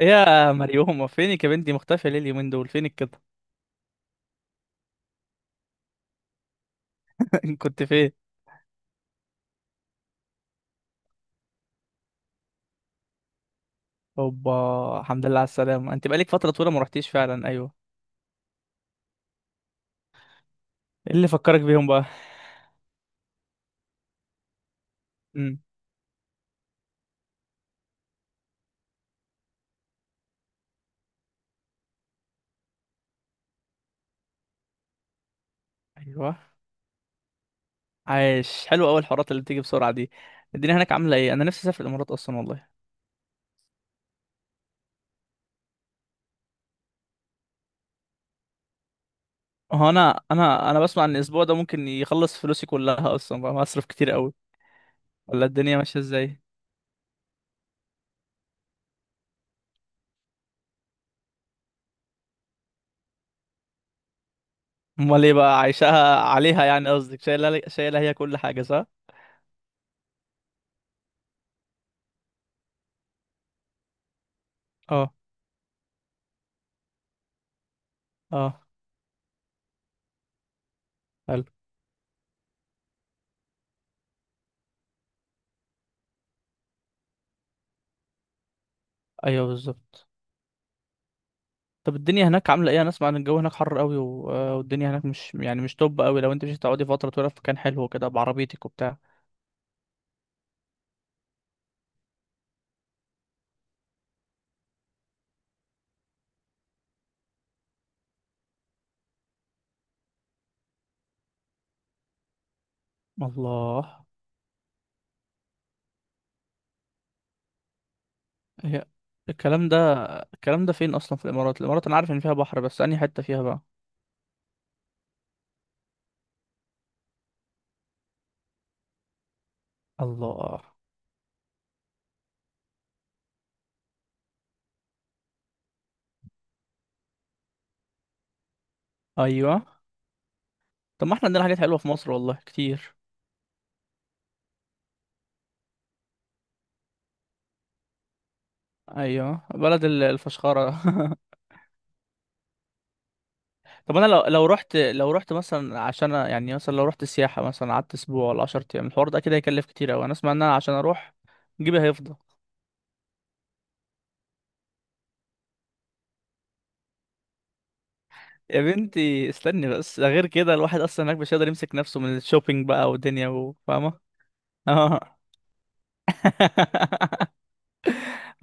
إيه يا مريومة؟ فينك يا بنتي؟ مختفية ليه اليومين دول؟ فينك كده؟ كنت فين؟ اوبا. الحمد لله على السلامة، انت بقالك فترة طويلة ما رحتيش فعلا، ايوه. ايه اللي فكرك بيهم بقى؟ امم. ايوه، عايش. حلو قوي الحوارات اللي بتيجي بسرعة دي. الدنيا هناك عاملة ايه؟ انا نفسي اسافر الامارات اصلا والله. هو انا بسمع ان الاسبوع ده ممكن يخلص فلوسي كلها اصلا، بقى مصرف كتير قوي. ولا الدنيا ماشية ازاي؟ امال ايه بقى؟ عايشاها عليها يعني، قصدك شايلة هي كل حاجة، صح؟ اه، اه، حلو. ايوه بالظبط. طب الدنيا هناك عاملة ايه؟ انا اسمع ان الجو هناك حر قوي و... آه، والدنيا هناك مش يعني مش طب قوي، لو انت مش هتقعدي فترة طويلة في مكان حلو كده بعربيتك وبتاع. الله. هي الكلام ده الكلام ده فين اصلا؟ في الامارات، انا عارف ان فيها بحر بس انهي حتة فيها بقى؟ الله. ايوه، طب ما احنا عندنا حاجات حلوة في مصر والله كتير. ايوه، بلد الفشخرة. طب انا لو رحت مثلا عشان يعني مثلا لو رحت سياحة، مثلا قعدت اسبوع ولا 10 ايام، الحوار ده كده هيكلف كتير قوي. انا اسمع ان انا عشان اروح جيبي هيفضى. يا بنتي استني بس، ده غير كده الواحد اصلا هناك مش قادر يمسك نفسه من الشوبينج بقى والدنيا فاهمه؟ اه.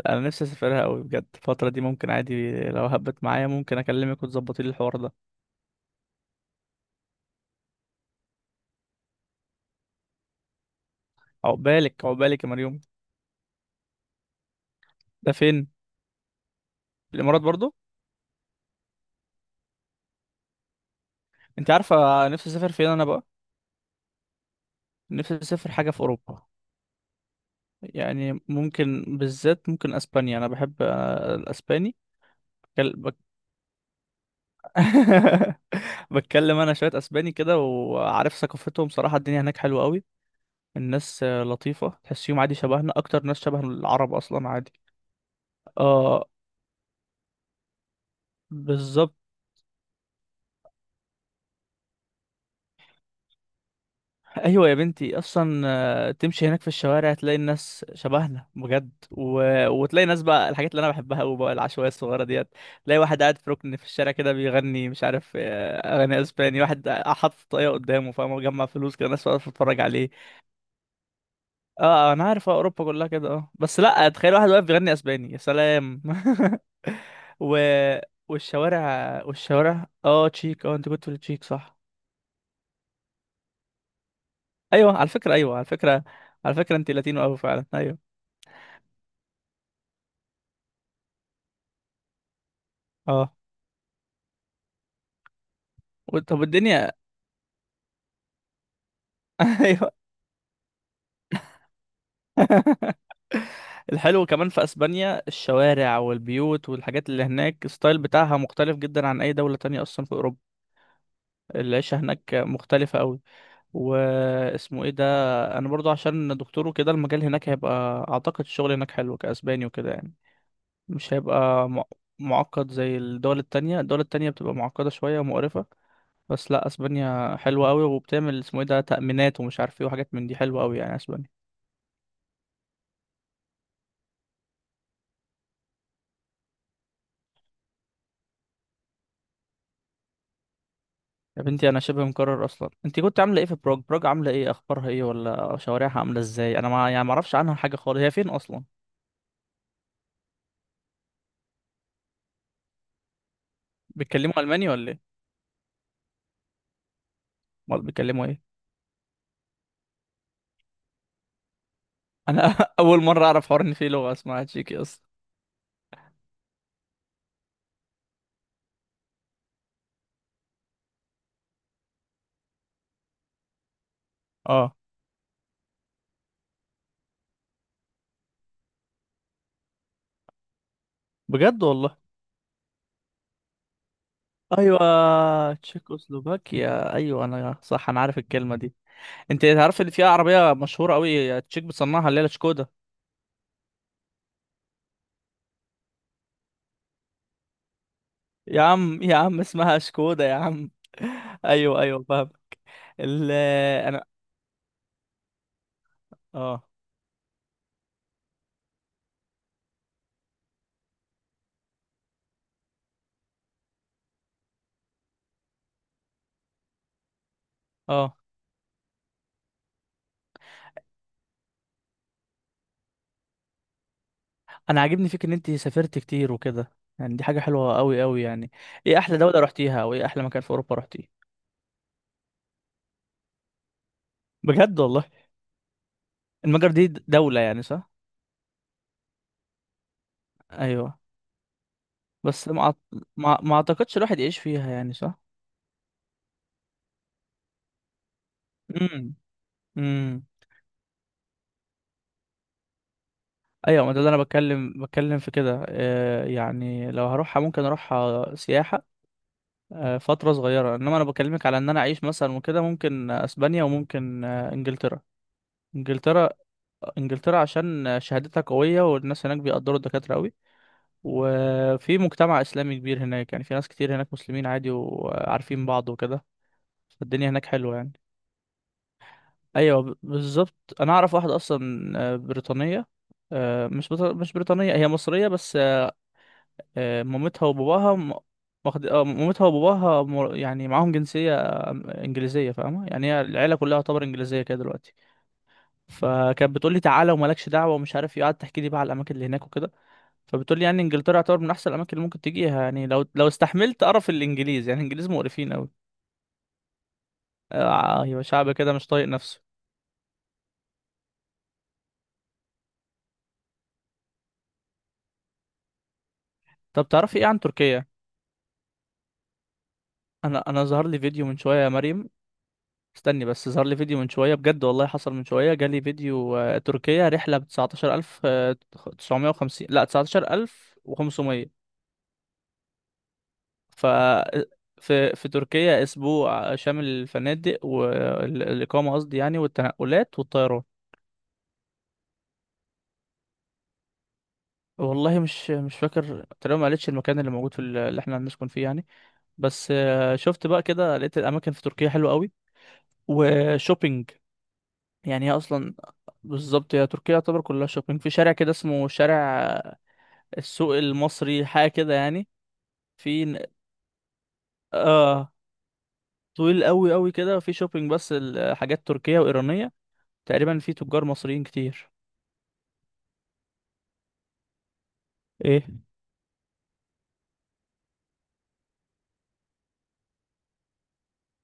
انا نفسي اسافرها قوي بجد الفتره دي، ممكن عادي لو هبت معايا ممكن اكلمك وتظبطي لي الحوار ده. عقبالك عقبالك يا مريم. ده فين؟ في الامارات برضو؟ انت عارفه نفسي اسافر فين انا بقى؟ نفسي اسافر حاجه في اوروبا. يعني ممكن بالذات ممكن اسبانيا، انا بحب الاسباني. بتكل- بك- بتكلم انا شويه اسباني كده، وعارف ثقافتهم صراحه الدنيا هناك حلوه قوي. الناس لطيفة، تحسيهم عادي شبهنا، أكتر ناس شبه العرب أصلا عادي. اه بالظبط. أيوة يا بنتي أصلا. تمشي هناك في الشوارع تلاقي الناس شبهنا بجد وتلاقي ناس بقى، الحاجات اللي أنا بحبها أوي بقى العشوائية الصغيرة ديت. تلاقي واحد قاعد في ركن في الشارع كده بيغني مش عارف أغاني أسباني، واحد حاطط طاقية قدامه، فاهم، مجمع فلوس كده، ناس واقفة تتفرج عليه. اه. أنا عارف أوروبا كلها كده، اه. بس لأ، تخيل واحد واقف بيغني أسباني، يا سلام! و... والشوارع والشوارع، اه. تشيك، اه انت كنت في التشيك صح؟ ايوه على فكره، ايوه على فكره. على فكره انت لاتينو قوي فعلا ايوه. اه. طب الدنيا. ايوه، الحلو كمان في اسبانيا الشوارع والبيوت والحاجات اللي هناك الستايل بتاعها مختلف جدا عن اي دوله تانية اصلا في اوروبا. العيشه هناك مختلفه قوي. واسمه ايه ده، انا برضو عشان دكتور وكده المجال هناك هيبقى. اعتقد الشغل هناك حلو كاسباني وكده يعني. مش هيبقى معقد زي الدول التانية. الدول التانية بتبقى معقدة شوية ومقرفة. بس لا، اسبانيا حلوة قوي، وبتعمل اسمه ايه ده، تأمينات، ومش عارف ايه وحاجات من دي، حلوة قوي يعني اسبانيا. يا بنتي انا شبه مكرر اصلا. انت كنت عامله ايه في بروج؟ عامله ايه؟ اخبارها ايه؟ ولا شوارعها عامله ازاي؟ انا ما يعني ما اعرفش عنها حاجه خالص. هي فين اصلا؟ بيتكلموا الماني ولا ايه؟ امال بيتكلموا ايه؟ انا اول مره اعرف حوار ان في لغه اسمها تشيكي اصلا. اه، بجد والله. ايوه، تشيكوسلوفاكيا، ايوه انا صح، انا عارف الكلمه دي. انت عارف اللي فيها عربيه مشهوره قوي تشيك بتصنعها، اللي هي شكودا. يا عم يا عم اسمها شكودا يا عم. ايوه، ايوه، فاهم. ال انا اه اه انا عاجبني فيك ان انت سافرت كتير وكده. يعني دي حاجه حلوه قوي قوي يعني. ايه احلى دوله رحتيها؟ او ايه احلى مكان في اوروبا رحتيه؟ بجد والله؟ المجر دي دوله يعني، صح؟ ايوه. بس ما أعت- ما ما اعتقدش الواحد يعيش فيها يعني، صح؟ امم، امم. ايوه، ما ده اللي انا بتكلم في كده، يعني لو هروحها ممكن اروحها سياحه. فتره صغيره. انما انا بكلمك على ان انا اعيش مثلا وكده، ممكن اسبانيا وممكن انجلترا. انجلترا انجلترا عشان شهادتها قويه والناس هناك بيقدروا الدكاتره قوي. وفي مجتمع اسلامي كبير هناك، يعني في ناس كتير هناك مسلمين عادي وعارفين بعض وكده. فالدنيا هناك حلوه يعني. ايوه، بالظبط. انا اعرف واحده اصلا بريطانيه. مش مش بريطانيه، هي مصريه بس. مامتها وباباها م- واخد آه، مامتها وباباها مر- يعني معاهم جنسية إنجليزية، فاهمة؟ يعني هي العيلة كلها تعتبر إنجليزية كده دلوقتي. فكانت بتقول لي تعالى ومالكش دعوة ومش عارف إيه، قعدت تحكي لي بقى على الأماكن اللي هناك وكده. فبتقول لي يعني إنجلترا يعتبر من أحسن الأماكن اللي ممكن تجيها، يعني لو استحملت قرف الإنجليز، يعني الإنجليز مقرفين أوي. أيوة، شعب كده مش طايق نفسه. طب تعرفي إيه عن تركيا؟ أنا ظهر لي فيديو من شوية يا مريم. استني بس، ظهر لي فيديو من شوية بجد والله حصل من شوية جالي فيديو تركيا رحلة ب 19950 وخمسين، لا 19500. ف في في تركيا أسبوع شامل الفنادق والإقامة، قصدي يعني، والتنقلات والطيران. والله مش فاكر تقريبا، ما قالتش المكان اللي موجود في اللي احنا هنسكن فيه يعني. بس شفت بقى كده، لقيت الأماكن في تركيا حلوة قوي. وشوبينج يعني، هي أصلا بالظبط، هي تركيا يعتبر كلها شوبينج. في شارع كده اسمه شارع السوق المصري، حاجه كده يعني. في، اه طويل قوي قوي كده، في شوبينج بس، الحاجات تركيه وايرانيه. تقريبا في تجار مصريين كتير. ايه؟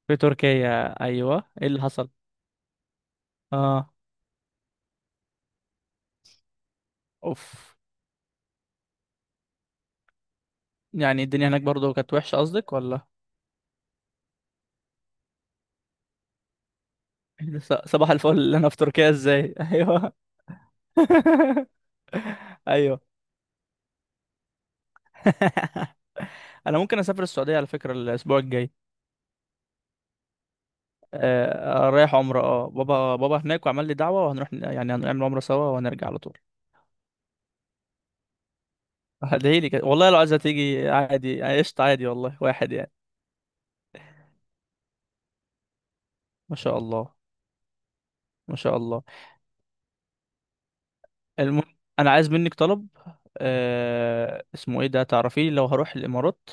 في تركيا؟ ايوه. ايه اللي حصل؟ اه. اوف. يعني الدنيا هناك برضو كانت وحشه قصدك، ولا؟ صباح الفل. اللي انا في تركيا ازاي! ايوه. ايوه. انا ممكن اسافر السعوديه على فكره الاسبوع الجاي. رايح عمره، اه. بابا هناك وعمل لي دعوه، وهنروح يعني هنعمل عمره سوا وهنرجع على طول. هديلي كده والله، لو عايزة تيجي عادي عشت عادي والله، واحد يعني. ما شاء الله، ما شاء الله. المهم أنا عايز منك طلب. اسمه إيه ده تعرفيه؟ لو هروح الإمارات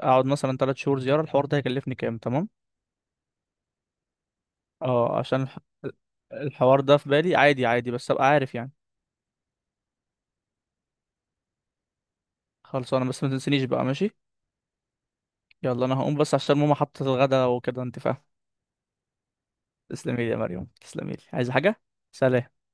أقعد مثلا 3 شهور زيارة، الحوار ده هيكلفني كام تمام؟ اه، عشان الحوار ده في بالي عادي، عادي بس أبقى عارف يعني. خلصانة، بس ما تنسينيش بقى، ماشي؟ يلا أنا هقوم بس عشان ماما حطت الغدا وكده، أنت فاهم. تسلمي لي يا مريم، تسلمي لي، عايزة حاجة؟ سلام.